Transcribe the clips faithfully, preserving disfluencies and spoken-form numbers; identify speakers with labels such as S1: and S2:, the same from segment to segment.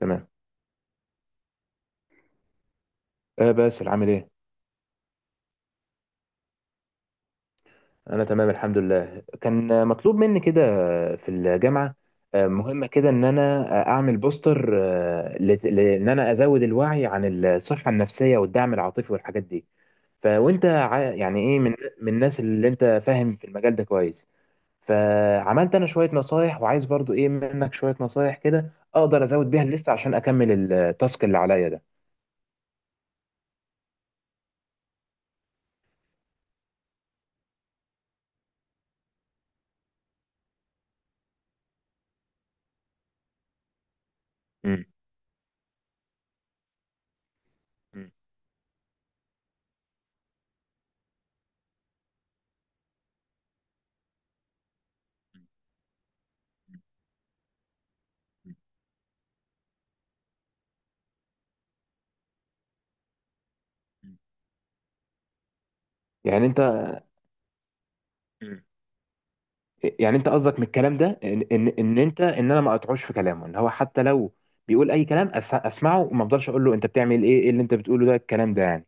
S1: تمام. آه باسل، عامل ايه؟ انا تمام، الحمد لله. كان آه، مطلوب مني كده. آه، في الجامعه. آه، مهمه كده ان انا آه، اعمل بوستر، آه، لت- لان انا ازود الوعي عن الصحه النفسيه والدعم العاطفي والحاجات دي. فوانت عا- يعني ايه من من الناس اللي انت فاهم في المجال ده كويس. فعملت انا شويه نصايح، وعايز برضو ايه منك شويه نصايح كده اقدر ازود بيها الليست عشان اكمل التاسك اللي عليا ده. م- م- م- يعني انت، يعني انت قصدك من الكلام ده ان ان ان انت ان انا ما اقطعوش في كلامه، ان هو حتى لو بيقول اي كلام، أس- اسمعه، وما افضلش اقول له انت بتعمل ايه، ايه اللي انت بتقوله ده، الكلام ده يعني.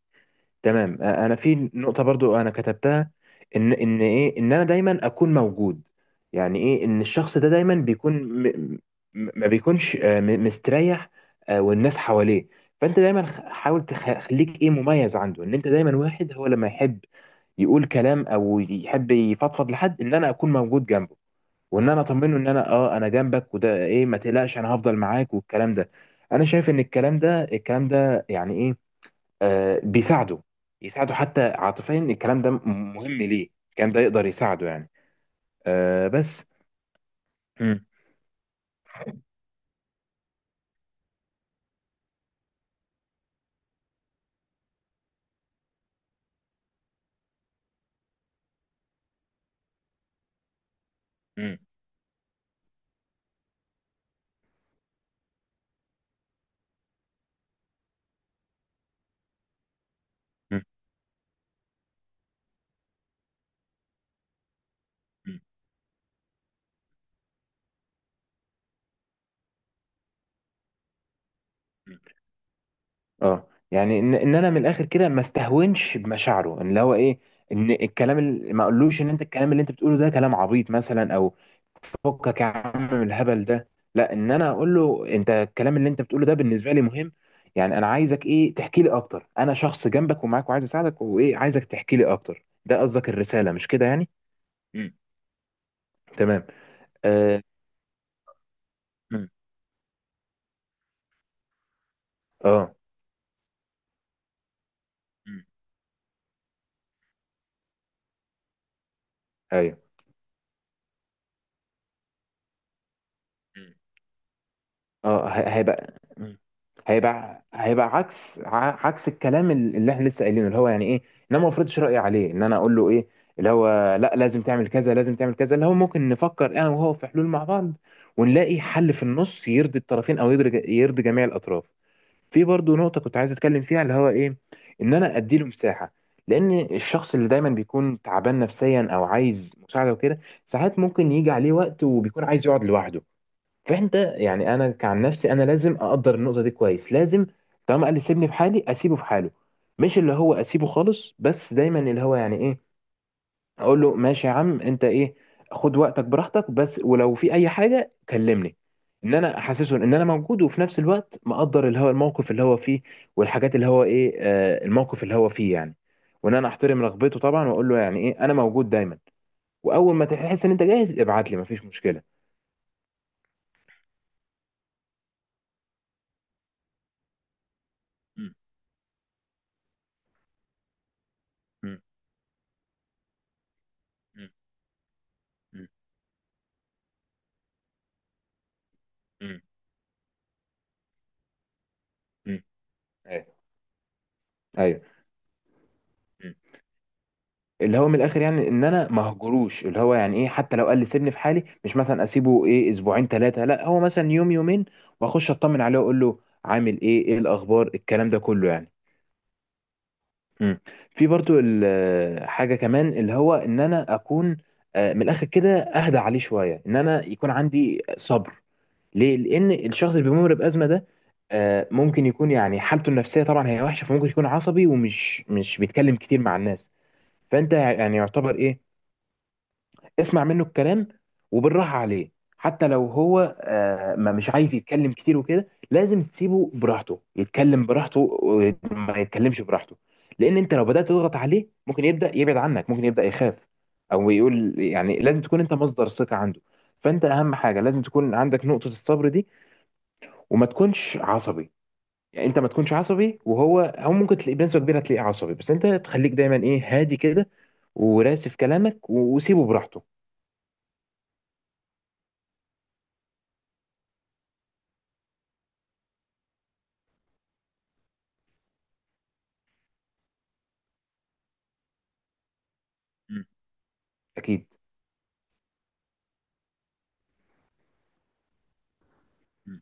S1: تمام. أ- انا في نقطة برضو انا كتبتها، ان ان ايه، ان انا دايما اكون موجود. يعني ايه ان الشخص ده دايما بيكون، م م- ما بيكونش آه، م- مستريح، آه، والناس حواليه. فانت دايما خ- حاول تخ- خليك ايه مميز عنده، ان انت دايما واحد، هو لما يحب يقول كلام او يحب يفضفض، لحد ان انا اكون موجود جنبه، وان انا اطمنه ان انا اه انا جنبك، وده ايه ما تقلقش انا هفضل معاك والكلام ده. انا شايف ان الكلام ده، الكلام ده يعني ايه، آه بيساعده، يساعده حتى عاطفيا، الكلام ده م- مهم، ليه الكلام ده يقدر يساعده يعني، آه بس. مم. مم. مم. مم. مم. اه، يعني ان ان انا من الاخر كده ما استهونش بمشاعره، ان اللي هو ايه، ان الكلام اللي ما اقولوش، ان انت الكلام اللي انت بتقوله ده كلام عبيط مثلا، او فكك يا عم من الهبل ده. لا، ان انا اقول له انت الكلام اللي انت بتقوله ده بالنسبه لي مهم، يعني انا عايزك ايه تحكي لي اكتر، انا شخص جنبك ومعاك وعايز اساعدك، وايه عايزك تحكي لي اكتر. ده قصدك، الرساله مش كده يعني؟ مم. تمام. اه. مم. اه. مم. ايوه. اه، ه- هيبقى. مم. هيبقى هيبقى عكس ع- عكس الكلام ال- اللي احنا لسه قايلينه، اللي هو يعني ايه ان انا ما افرضش رايي عليه، ان انا اقول له ايه، اللي هو لا لازم تعمل كذا لازم تعمل كذا، اللي هو ممكن نفكر انا وهو في حلول مع بعض، ونلاقي حل في النص يرضي الطرفين، او يرضي يرضي جميع الاطراف. في برضو نقطه كنت عايز اتكلم فيها، اللي هو ايه، ان انا ادي له مساحه. لان الشخص اللي دايما بيكون تعبان نفسيا او عايز مساعده وكده، ساعات ممكن يجي عليه وقت وبيكون عايز يقعد لوحده. فانت يعني، انا كعن نفسي انا لازم اقدر النقطه دي كويس، لازم طالما قال لي سيبني في حالي اسيبه في حاله. مش اللي هو اسيبه خالص، بس دايما اللي هو يعني ايه، اقول له ماشي يا عم انت، ايه، خد وقتك براحتك، بس ولو في اي حاجه كلمني. ان انا احسسه ان انا موجود، وفي نفس الوقت مقدر اللي هو الموقف اللي هو فيه، والحاجات اللي هو ايه آه الموقف اللي هو فيه يعني، وان انا احترم رغبته طبعا، واقول له يعني ايه انا موجود دايما، واول ما تحس ان انت جاهز ابعت لي، مفيش مشكله. مم. مم. مم. مم. مم. ايوه. ايوه. مم. اللي هو من الاخر، يعني ان انا ما هجروش، اللي هو يعني ايه، حتى لو قال لي سيبني في حالي، مش مثلا اسيبه ايه اسبوعين ثلاثه، لا هو مثلا يوم يومين واخش اطمن عليه واقول له عامل ايه، ايه الاخبار، الكلام ده كله يعني. مم. في برضو ال- حاجه كمان اللي هو ان انا اكون آه، من الاخر كده اهدى عليه شويه، ان انا يكون عندي صبر. ليه؟ لان الشخص اللي بيمر بازمه ده آه، ممكن يكون يعني حالته النفسيه طبعا هي وحشه، فممكن يكون عصبي، ومش مش بيتكلم كتير مع الناس. فانت يعني يعتبر ايه، اسمع منه الكلام وبالراحه عليه، حتى لو هو آه، ما مش عايز يتكلم كتير وكده، لازم تسيبه براحته يتكلم براحته، وما يتكلمش براحته. لان انت لو بدات تضغط عليه ممكن يبدا يبعد عنك، ممكن يبدا يخاف او يقول، يعني لازم تكون انت مصدر ثقه عنده. فانت اهم حاجه لازم تكون عندك نقطه الصبر دي، وما تكونش عصبي. يعني انت ما تكونش عصبي، وهو او ممكن تلاقيه بنسبه كبيره تلاقيه عصبي، بس انت تخليك دايما ايه هادي كده، وراسي في كلامك و- وسيبه براحته. مم. اكيد. مم.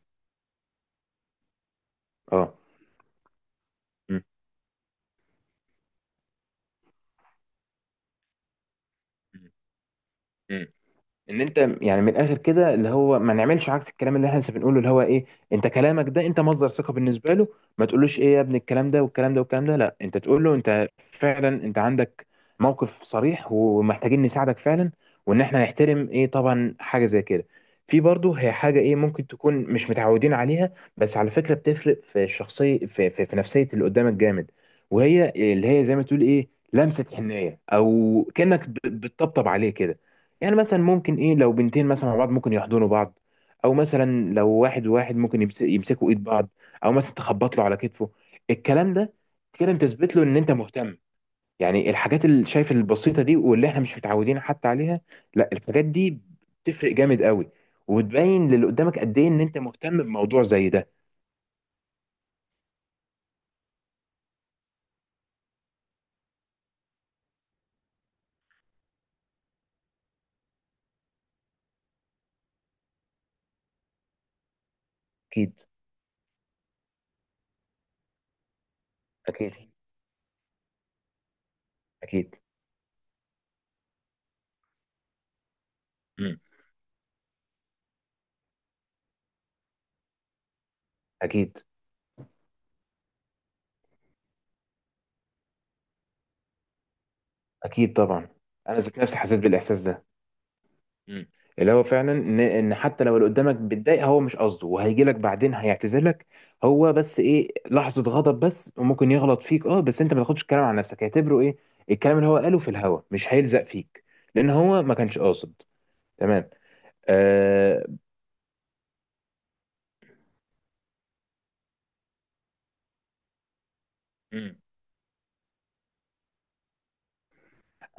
S1: اه. مم. مم. ان انت يعني من الاخر كده، اللي هو ما نعملش عكس الكلام اللي احنا لسه بنقوله، اللي هو ايه، انت كلامك ده، انت مصدر ثقه بالنسبه له. ما تقولوش ايه يا ابني الكلام ده والكلام ده والكلام ده، لا انت تقول له انت فعلا انت عندك موقف صريح ومحتاجين نساعدك فعلا، وان احنا نحترم ايه طبعا حاجه زي كده. في برضه هي حاجه ايه ممكن تكون مش متعودين عليها، بس على فكره بتفرق في الشخصيه في، في, في نفسيه اللي قدامك جامد. وهي اللي هي زي ما تقول ايه لمسه حنيه، او كانك ب- بتطبطب عليه كده. يعني مثلا ممكن ايه لو بنتين مثلا مع بعض ممكن يحضنوا بعض، او مثلا لو واحد وواحد ممكن يمس- يمسكوا ايد بعض، او مثلا تخبط له على كتفه. الكلام ده كده انت تثبت له ان انت مهتم، يعني الحاجات اللي شايف البسيطه دي واللي احنا مش متعودين حتى عليها، لا، الحاجات دي بتفرق جامد قوي، وبتبين للي قدامك قد ايه ان انت مهتم بموضوع زي ده. اكيد. اكيد. اكيد. مم. اكيد. اكيد طبعا. انا ذات نفسي حسيت بالاحساس ده. مم. اللي هو فعلا، ان إن حتى لو اللي قدامك بيتضايق هو مش قصده، وهيجي لك بعدين هيعتذرلك. هو بس ايه لحظه غضب بس، وممكن يغلط فيك، اه بس انت ما تاخدش الكلام على نفسك، هيعتبره ايه الكلام اللي هو قاله في الهوا، مش هيلزق فيك لان هو ما كانش قاصد. تمام. آه. مم.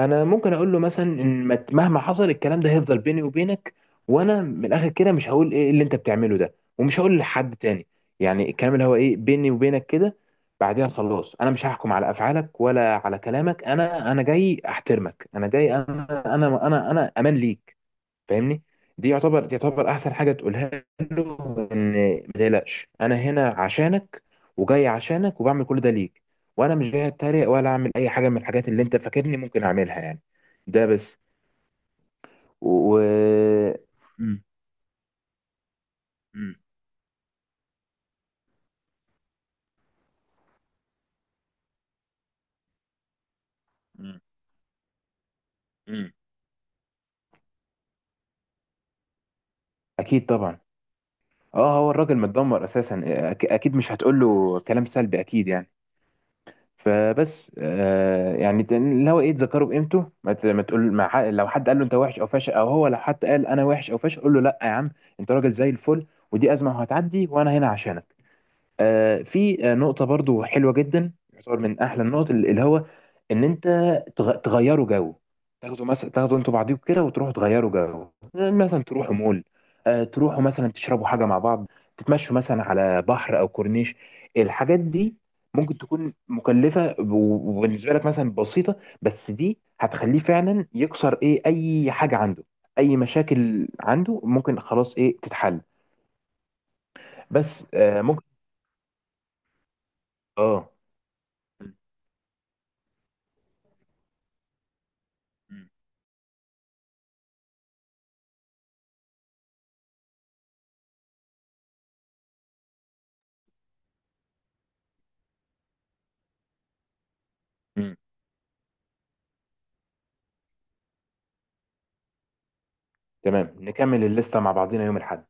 S1: انا ممكن اقول له مثلا ان ما- مهما حصل الكلام ده هيفضل بيني وبينك، وانا من الاخر كده مش هقول ايه اللي انت بتعمله ده، ومش هقول لحد تاني. يعني الكلام اللي هو ايه بيني وبينك كده. بعدين خلاص، انا مش هحكم على افعالك ولا على كلامك، انا انا جاي احترمك، انا جاي انا انا انا انا امان ليك. فاهمني. دي يعتبر دي يعتبر احسن حاجه تقولها له، ان ما تقلقش انا هنا عشانك، وجاي عشانك، وبعمل كل ده ليك، وانا مش جاي اتريق ولا اعمل اي حاجه من الحاجات اللي انت فاكرني ممكن اعملها يعني. ده بس. و مم. مم. مم. مم. اكيد طبعا. اه، هو الراجل متدمر اساسا، أك- اكيد مش هتقول له كلام سلبي اكيد يعني. فبس آه يعني تن- اللي هو ايه، تذكره بقيمته، ما ت- ما تقول مع حق، لو حد قال له انت وحش او فاشل، او هو لو حد قال انا وحش او فاشل قول له لا يا عم، انت راجل زي الفل، ودي ازمه وهتعدي وانا هنا عشانك. آه، في آه، نقطة برضو حلوة جدا، يعتبر من أحلى النقط ال- اللي هو إن أنت تغ- تغيروا جو، تاخدوا مثلا تاخدوا أنتوا بعضيكوا كده وتروحوا تغيروا جو، آه، مثلا تروحوا مول، آه، تروحوا مثلا تشربوا حاجة مع بعض، تتمشوا مثلا على بحر أو كورنيش. الحاجات دي ممكن تكون مكلفة، و- وبالنسبة لك مثلا بسيطة، بس دي هتخليه فعلا يكسر إيه أي حاجة عنده، أي مشاكل عنده ممكن خلاص إيه تتحل. بس آه، ممكن. آه مم. تمام، نكمل الليستة مع بعضينا يوم الأحد.